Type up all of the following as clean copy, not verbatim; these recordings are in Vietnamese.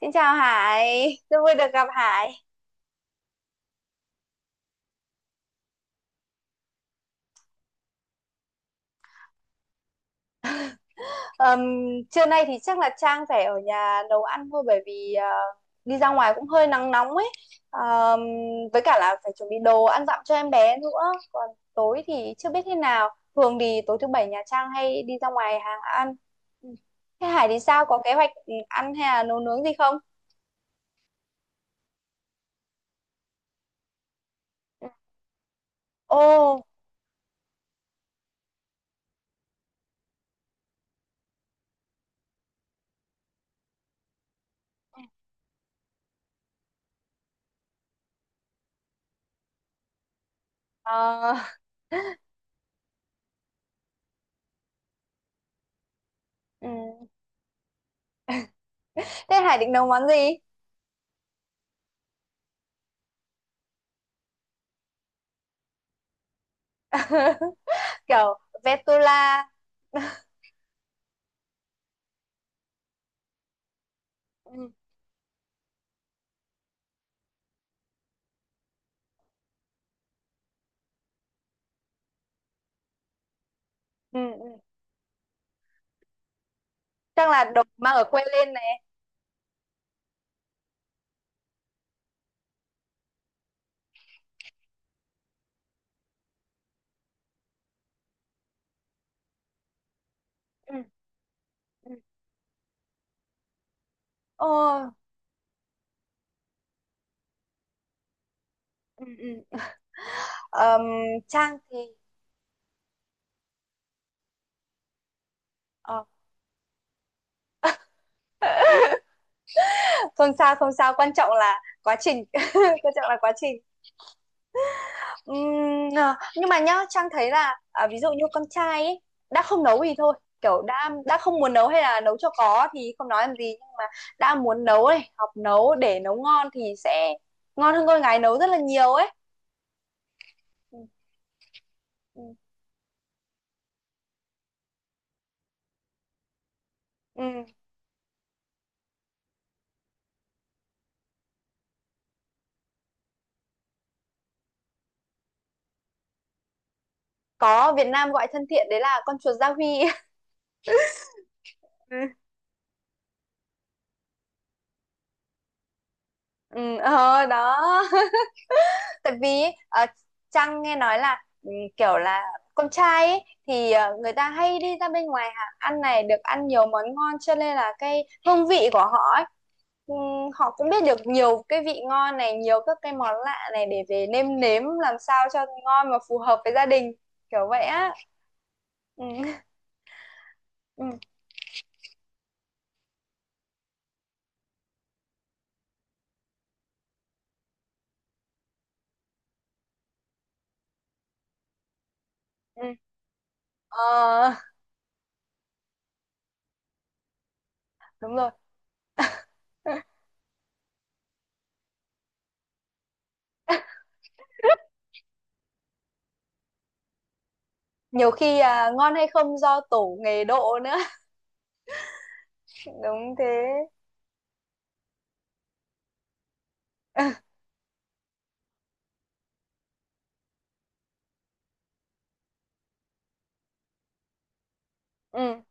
Xin chào Hải, rất vui được gặp Hải. Ờm, Trưa nay thì chắc là Trang phải ở nhà nấu ăn thôi bởi vì đi ra ngoài cũng hơi nắng nóng ấy. Ờm, với cả là phải chuẩn bị đồ ăn dặm cho em bé nữa. Còn tối thì chưa biết thế nào. Thường thì tối thứ bảy nhà Trang hay đi ra ngoài hàng ăn. Ừ. Thế Hải thì sao? Có kế hoạch ăn hay là nấu nướng gì không? Ừ. Ồ. ờ, ừ. Thế Hải định nấu món gì? Kiểu vetula. Ừ. Ừ. Ừ. Trang là được mang ở quê lên này. Ừ, ừ. Ồ, ừ, ừ. ờm, Trang thì ờ, không sao không sao, quan trọng là quá trình. Quan trọng là quá trình. À, nhưng mà nhá, Trang thấy là à, ví dụ như con trai ấy, đã không nấu thì thôi, kiểu đã không muốn nấu hay là nấu cho có thì không nói làm gì, nhưng mà đã muốn nấu này, học nấu để nấu ngon thì sẽ ngon hơn con gái nấu rất là nhiều ấy. Ừ. Ừ. Ừ. Có Việt Nam gọi thân thiện đấy là con chuột gia huy. Ừ, ờ, đó. Tại vì ờ, Trang nghe nói là kiểu là con trai ấy, thì người ta hay đi ra bên ngoài hàng ăn này, được ăn nhiều món ngon cho nên là cái hương vị của họ ấy, ừ, họ cũng biết được nhiều cái vị ngon này, nhiều các cái món lạ này để về nêm nếm làm sao cho ngon mà phù hợp với gia đình, kiểu vậy á. Ừ, ừ, ừ. Ờ, đúng rồi. Nhiều khi à, ngon hay không do tổ nghề độ nữa. Đúng thế. Ừ.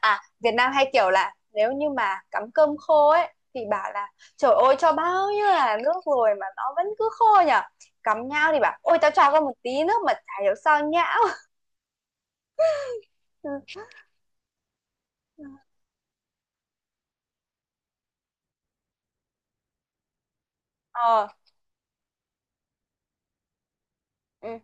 À, Việt Nam hay kiểu là nếu như mà cắm cơm khô ấy thì bảo là trời ơi cho bao nhiêu là nước rồi mà nó vẫn cứ khô nhở, cắm nhau thì bảo ôi tao cho con một tí nước mà chả hiểu sao nhão. Ờ. Ừ.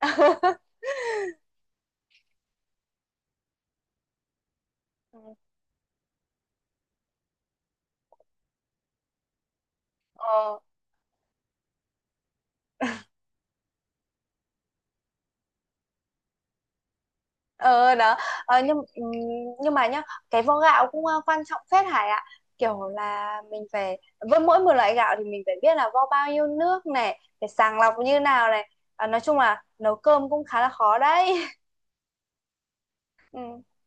Ừ. Ờ, ờ, đó. Nhưng nhưng mà nhá, cái vo gạo cũng quan trọng phết Hải ạ, kiểu là mình phải, với mỗi một loại gạo thì mình phải biết là vo bao nhiêu nước này, phải sàng lọc như nào này. Ờ, nói chung là nấu cơm cũng khá là khó đấy.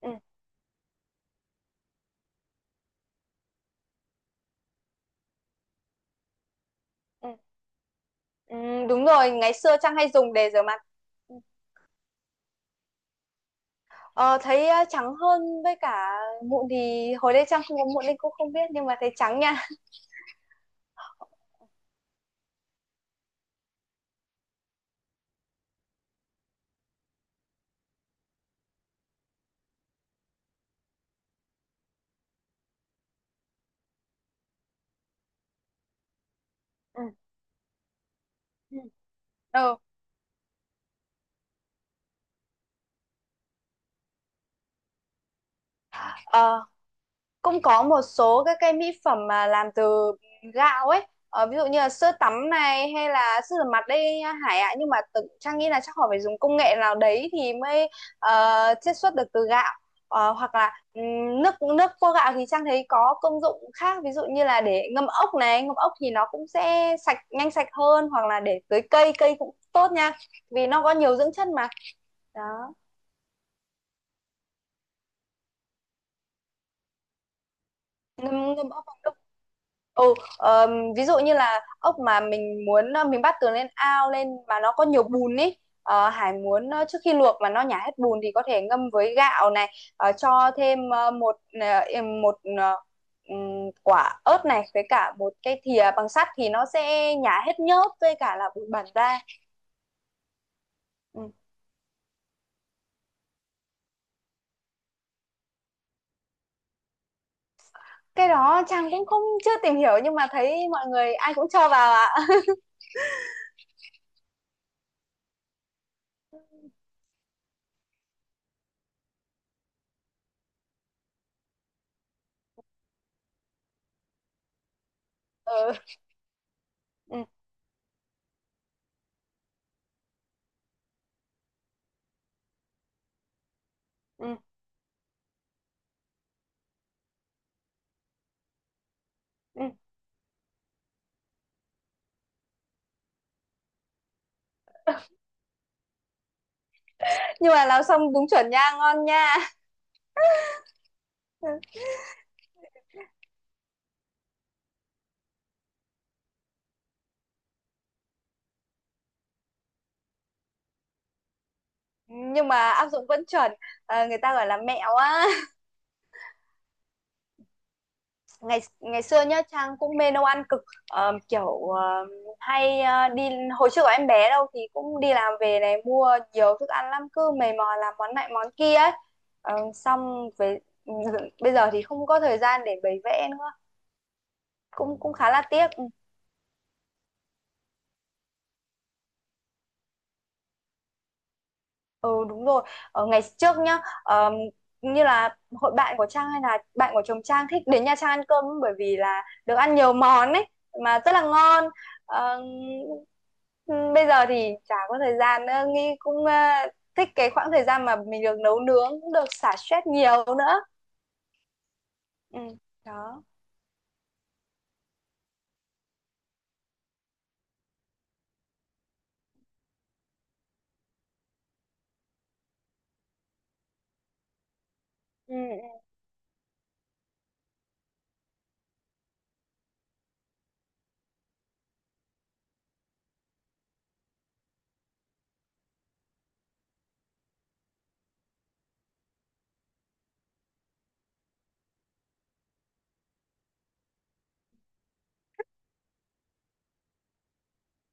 Ừ. Ừ. Ừ. Đúng rồi, ngày xưa Trang hay dùng để rửa mặt. Ừ. ờ, Thấy trắng hơn, với cả mụn thì hồi đấy Trang không có mụn nên cũng không biết, nhưng mà thấy trắng nha. Ừ. Ừ. Ờ, ờ, cũng có một số các cái mỹ phẩm mà làm từ gạo ấy, ví dụ như là sữa tắm này hay là sữa rửa mặt đây Hải ạ, nhưng mà tự Trang nghĩ là chắc họ phải dùng công nghệ nào đấy thì mới chiết xuất được từ gạo. Ờ, hoặc là nước nước vo gạo thì Trang thấy có công dụng khác, ví dụ như là để ngâm ốc này, ngâm ốc thì nó cũng sẽ sạch nhanh, sạch hơn, hoặc là để tưới cây, cây cũng tốt nha, vì nó có nhiều dưỡng chất mà. Đó. Ngâm ngâm ốc vào nước. ừ, ờm, Ví dụ như là ốc mà mình muốn mình bắt từ lên ao lên mà nó có nhiều bùn ấy, Hải muốn trước khi luộc mà nó nhả hết bùn thì có thể ngâm với gạo này, cho thêm một một quả ớt này với cả một cái thìa bằng sắt thì nó sẽ nhả hết nhớp với cả là bụi bẩn ra. Ừ. Cái đó Trang cũng không, chưa tìm hiểu, nhưng mà thấy mọi người ai cũng cho vào ạ. Ừ. Ừ. Ừ. Nhưng mà làm xong đúng chuẩn nha, ngon nha. Nhưng mà áp dụng vẫn chuẩn. Ờ, người ta gọi là mẹo á. Ngày ngày xưa nhá Trang cũng mê nấu ăn cực. Ờ, kiểu hay đi, hồi trước của em bé đâu thì cũng đi làm về này, mua nhiều thức ăn lắm, cứ mày mò làm món này món kia ấy. Ờ, xong về, bây giờ thì không có thời gian để bày vẽ nữa. Cũng cũng khá là tiếc. Ừ, đúng rồi. Ở ngày trước nhá, như là hội bạn của Trang hay là bạn của chồng Trang thích đến Nha Trang ăn cơm bởi vì là được ăn nhiều món ấy mà rất là ngon. Ờm, bây giờ thì chả có thời gian nữa, Nghi cũng thích cái khoảng thời gian mà mình được nấu nướng, được xả stress nhiều nữa. Ừ. Đó. Ừ.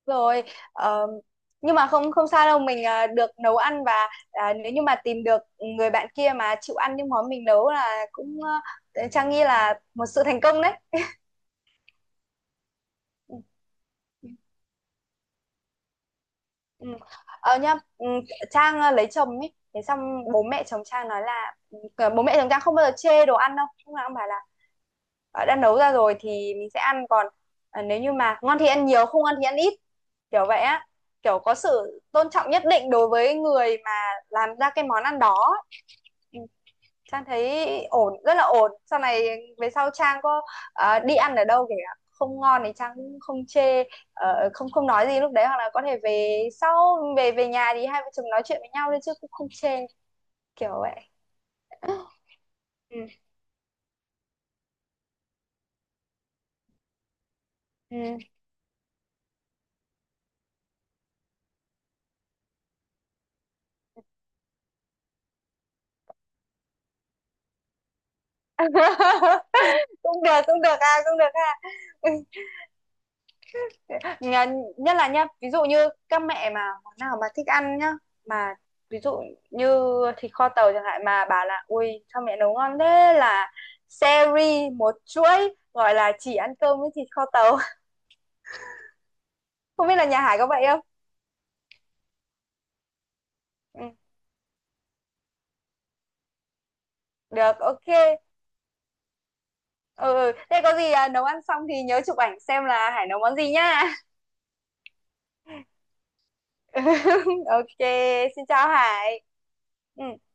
Rồi ờ, nhưng mà không, không sao đâu, mình à, được nấu ăn và à, nếu như mà tìm được người bạn kia mà chịu ăn những món mình nấu là cũng ờ, ờ, Trang nghĩ là một sự thành công đấy. Ừ. Ừ. Ờ nhá, Trang lấy chồng ấy, thế xong bố mẹ chồng Trang nói là bố mẹ chồng Trang không bao giờ chê đồ ăn đâu, lúc nào cũng bảo là đã nấu ra rồi thì mình sẽ ăn, còn nếu như mà ngon thì ăn nhiều, không ngon thì ăn ít, kiểu vậy á. Kiểu có sự tôn trọng nhất định đối với người mà làm ra cái món ăn đó. Trang thấy ổn, rất là ổn. Sau này, về sau Trang có đi ăn ở đâu kể cả không ngon thì Trang cũng không chê, không, không nói gì lúc đấy, hoặc là có thể về sau, về về nhà thì hai vợ chồng nói chuyện với nhau thôi chứ cũng không chê, kiểu vậy. Ừ. Ừ. Cũng được, cũng được, à cũng được. À, nhất là nhá, ví dụ như các mẹ mà món nào mà thích ăn nhá, mà ví dụ như thịt kho tàu chẳng hạn, mà bà là ui sao mẹ nấu ngon thế, là series, một chuỗi gọi là chỉ ăn cơm với thịt kho tàu. Không biết là nhà Hải có vậy không. Ừ, được, ok. Ừ, ừ. Thế có gì à, nấu ăn xong thì nhớ chụp ảnh xem là Hải nấu món gì nhá. Ok. Xin chào Hải. Ừ.